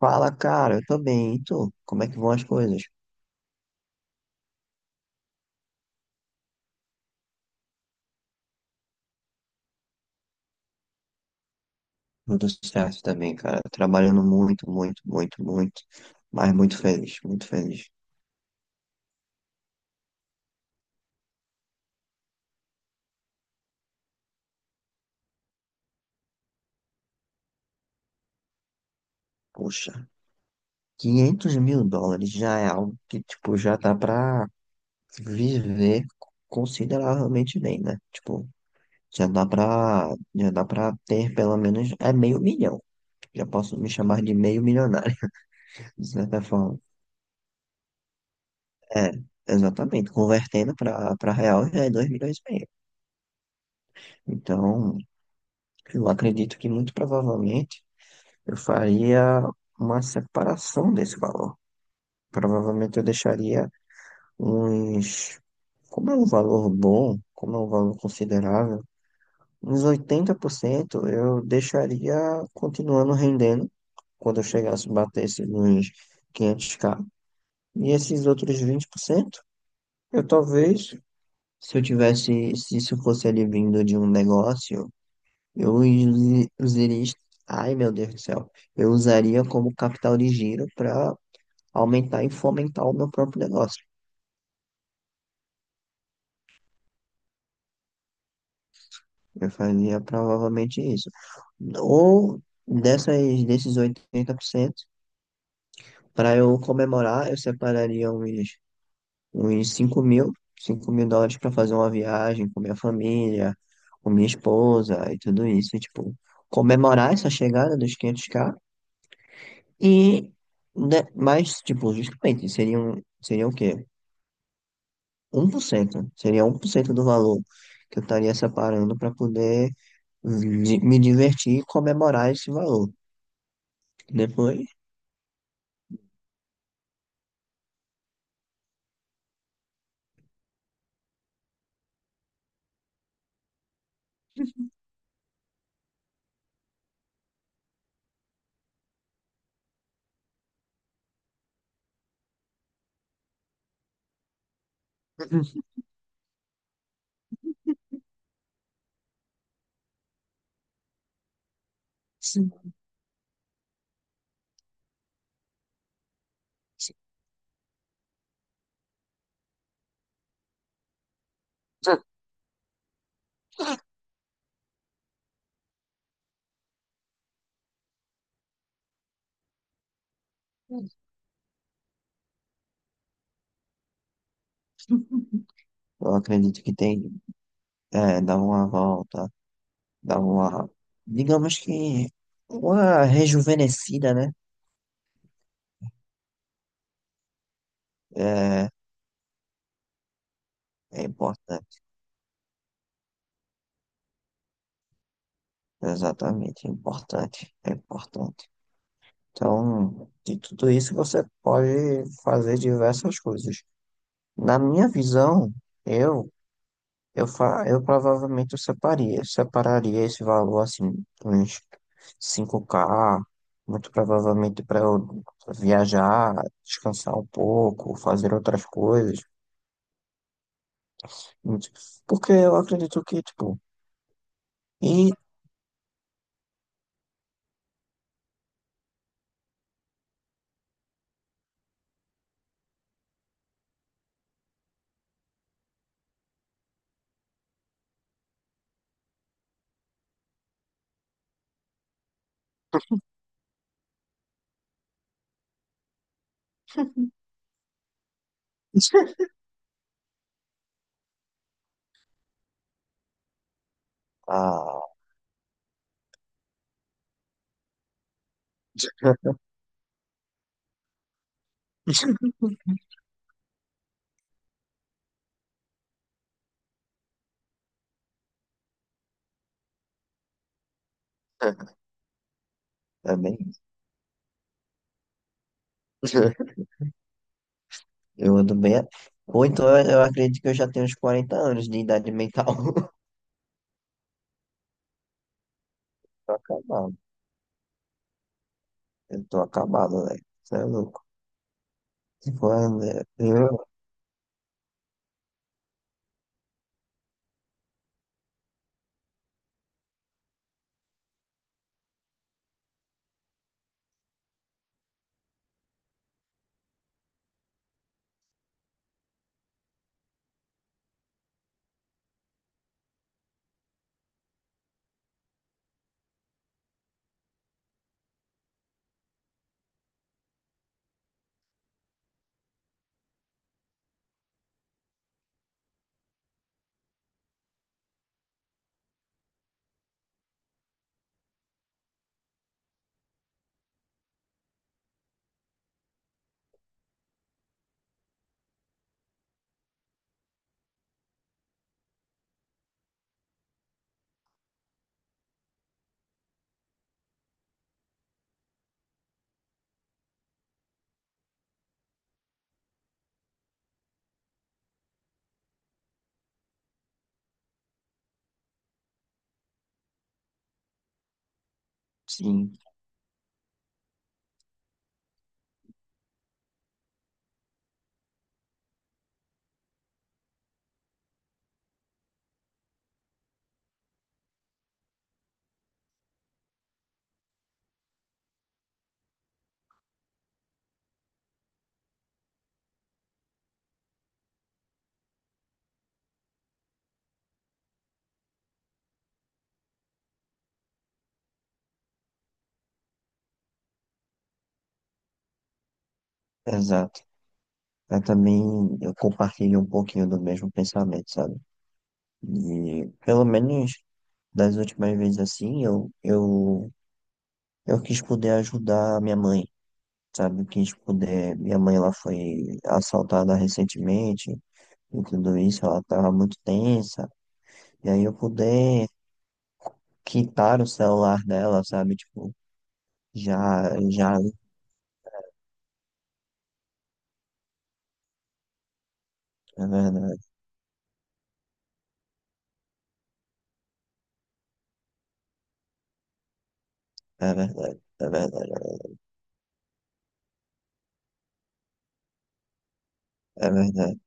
Fala, cara, eu tô bem, e tu? Como é que vão as coisas? Tudo certo também, cara. Trabalhando muito, muito, muito, muito, mas muito feliz, muito feliz. Puxa, US$ 500.000 já é algo que, tipo, já dá pra viver consideravelmente bem, né? Tipo, já dá pra, já dá pra ter pelo menos, é meio milhão. Já posso me chamar de meio milionário, de certa forma. É, exatamente. Convertendo pra real já é 2,5 milhões. Então, eu acredito que muito provavelmente eu faria uma separação desse valor. Provavelmente eu deixaria uns. Como é um valor bom, como é um valor considerável, uns 80% eu deixaria continuando rendendo quando eu chegasse a bater esses uns 500k. E esses outros 20% eu talvez, se eu tivesse, se isso fosse ali vindo de um negócio. Eu usaria. Ai, meu Deus do céu. Eu usaria como capital de giro para aumentar e fomentar o meu próprio negócio. Eu fazia provavelmente isso. Ou dessas, desses 80%, para eu comemorar, eu separaria uns cinco mil dólares para fazer uma viagem com minha família, com minha esposa e tudo isso. E, tipo, comemorar essa chegada dos 500k. E, né, mas, tipo, justamente, seriam o quê? 1%, né? Seria 1% do valor que eu estaria separando para poder me divertir e comemorar esse valor. Depois, eu acredito que tem, é, dar uma volta, dar uma, digamos que, uma rejuvenescida, né? É, é importante, exatamente, é importante, é importante. Então, de tudo isso você pode fazer diversas coisas. Na minha visão, eu eu provavelmente eu separaria esse valor assim, uns 5k, muito provavelmente para eu viajar, descansar um pouco, fazer outras coisas. muito- Porque eu acredito que, tipo, e ah, também eu ando bem. Ou então eu acredito que eu já tenho uns 40 anos de idade mental. Tô acabado, eu tô acabado, velho. Você é louco. Tipo, eu- sim, Eu também eu compartilho um pouquinho do mesmo pensamento, sabe? E pelo menos das últimas vezes assim, eu quis poder ajudar a minha mãe, sabe? Quis poder. Minha mãe ela foi assaltada recentemente e tudo isso, ela tava muito tensa. E aí eu poder quitar o celular dela, sabe? Tipo, já, já, é verdade, é verdade, é verdade, é verdade.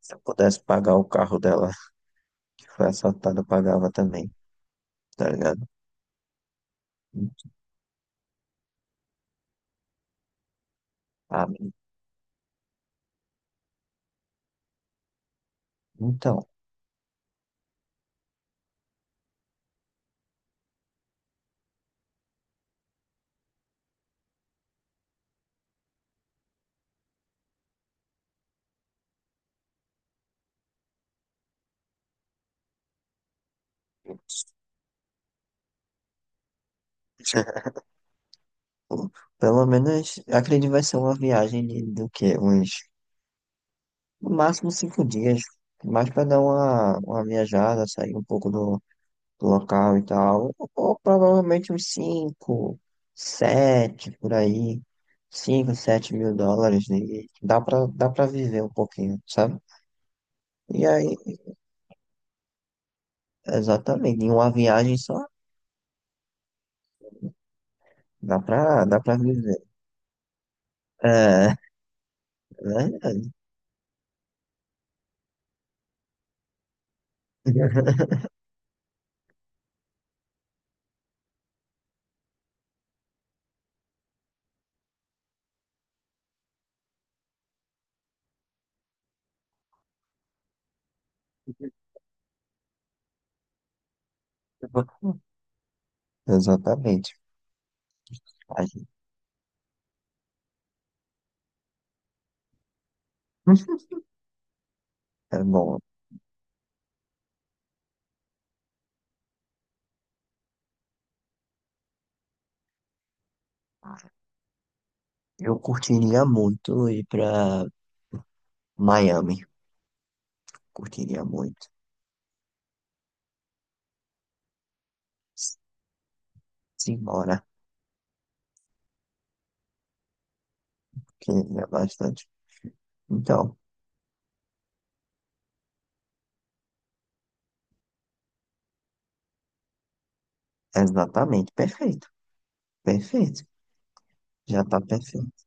Se eu pudesse pagar o carro dela que foi assaltado, eu pagava também. Tá ligado? Ah, então, pelo menos, acredito que vai ser uma viagem de, do quê? Uns, no máximo 5 dias, mais para dar uma viajada, sair um pouco do local e tal, ou provavelmente uns cinco, sete, por aí, 5 a 7 mil dólares, né? E dá pra viver um pouquinho, sabe? E aí, exatamente, em uma viagem só, dá pra viver. É, é verdade. Exatamente. A gente- É bom. Eu curtiria muito ir pra Miami. Curtiria muito. Simbora. Queria bastante. Então, exatamente. Perfeito. Perfeito. Já tá perfeito.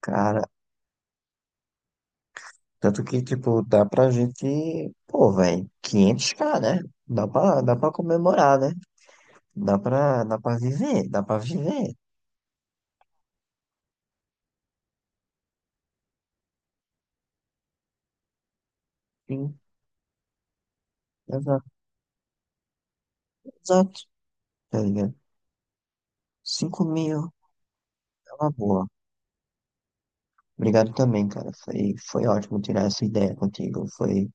Cara, tanto que, tipo, dá pra gente. Pô, velho, 500k, né? Dá pra comemorar, né? Dá pra viver. Dá pra viver. Sim. Exato. Exato. Tá ligado? 5 mil é uma boa. Obrigado também, cara. Foi ótimo tirar essa ideia contigo. Foi,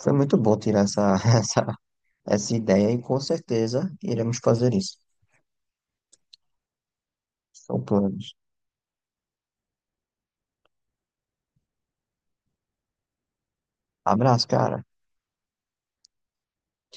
foi muito bom tirar essa ideia e com certeza iremos fazer isso. São planos. Abraço, cara. Tchau.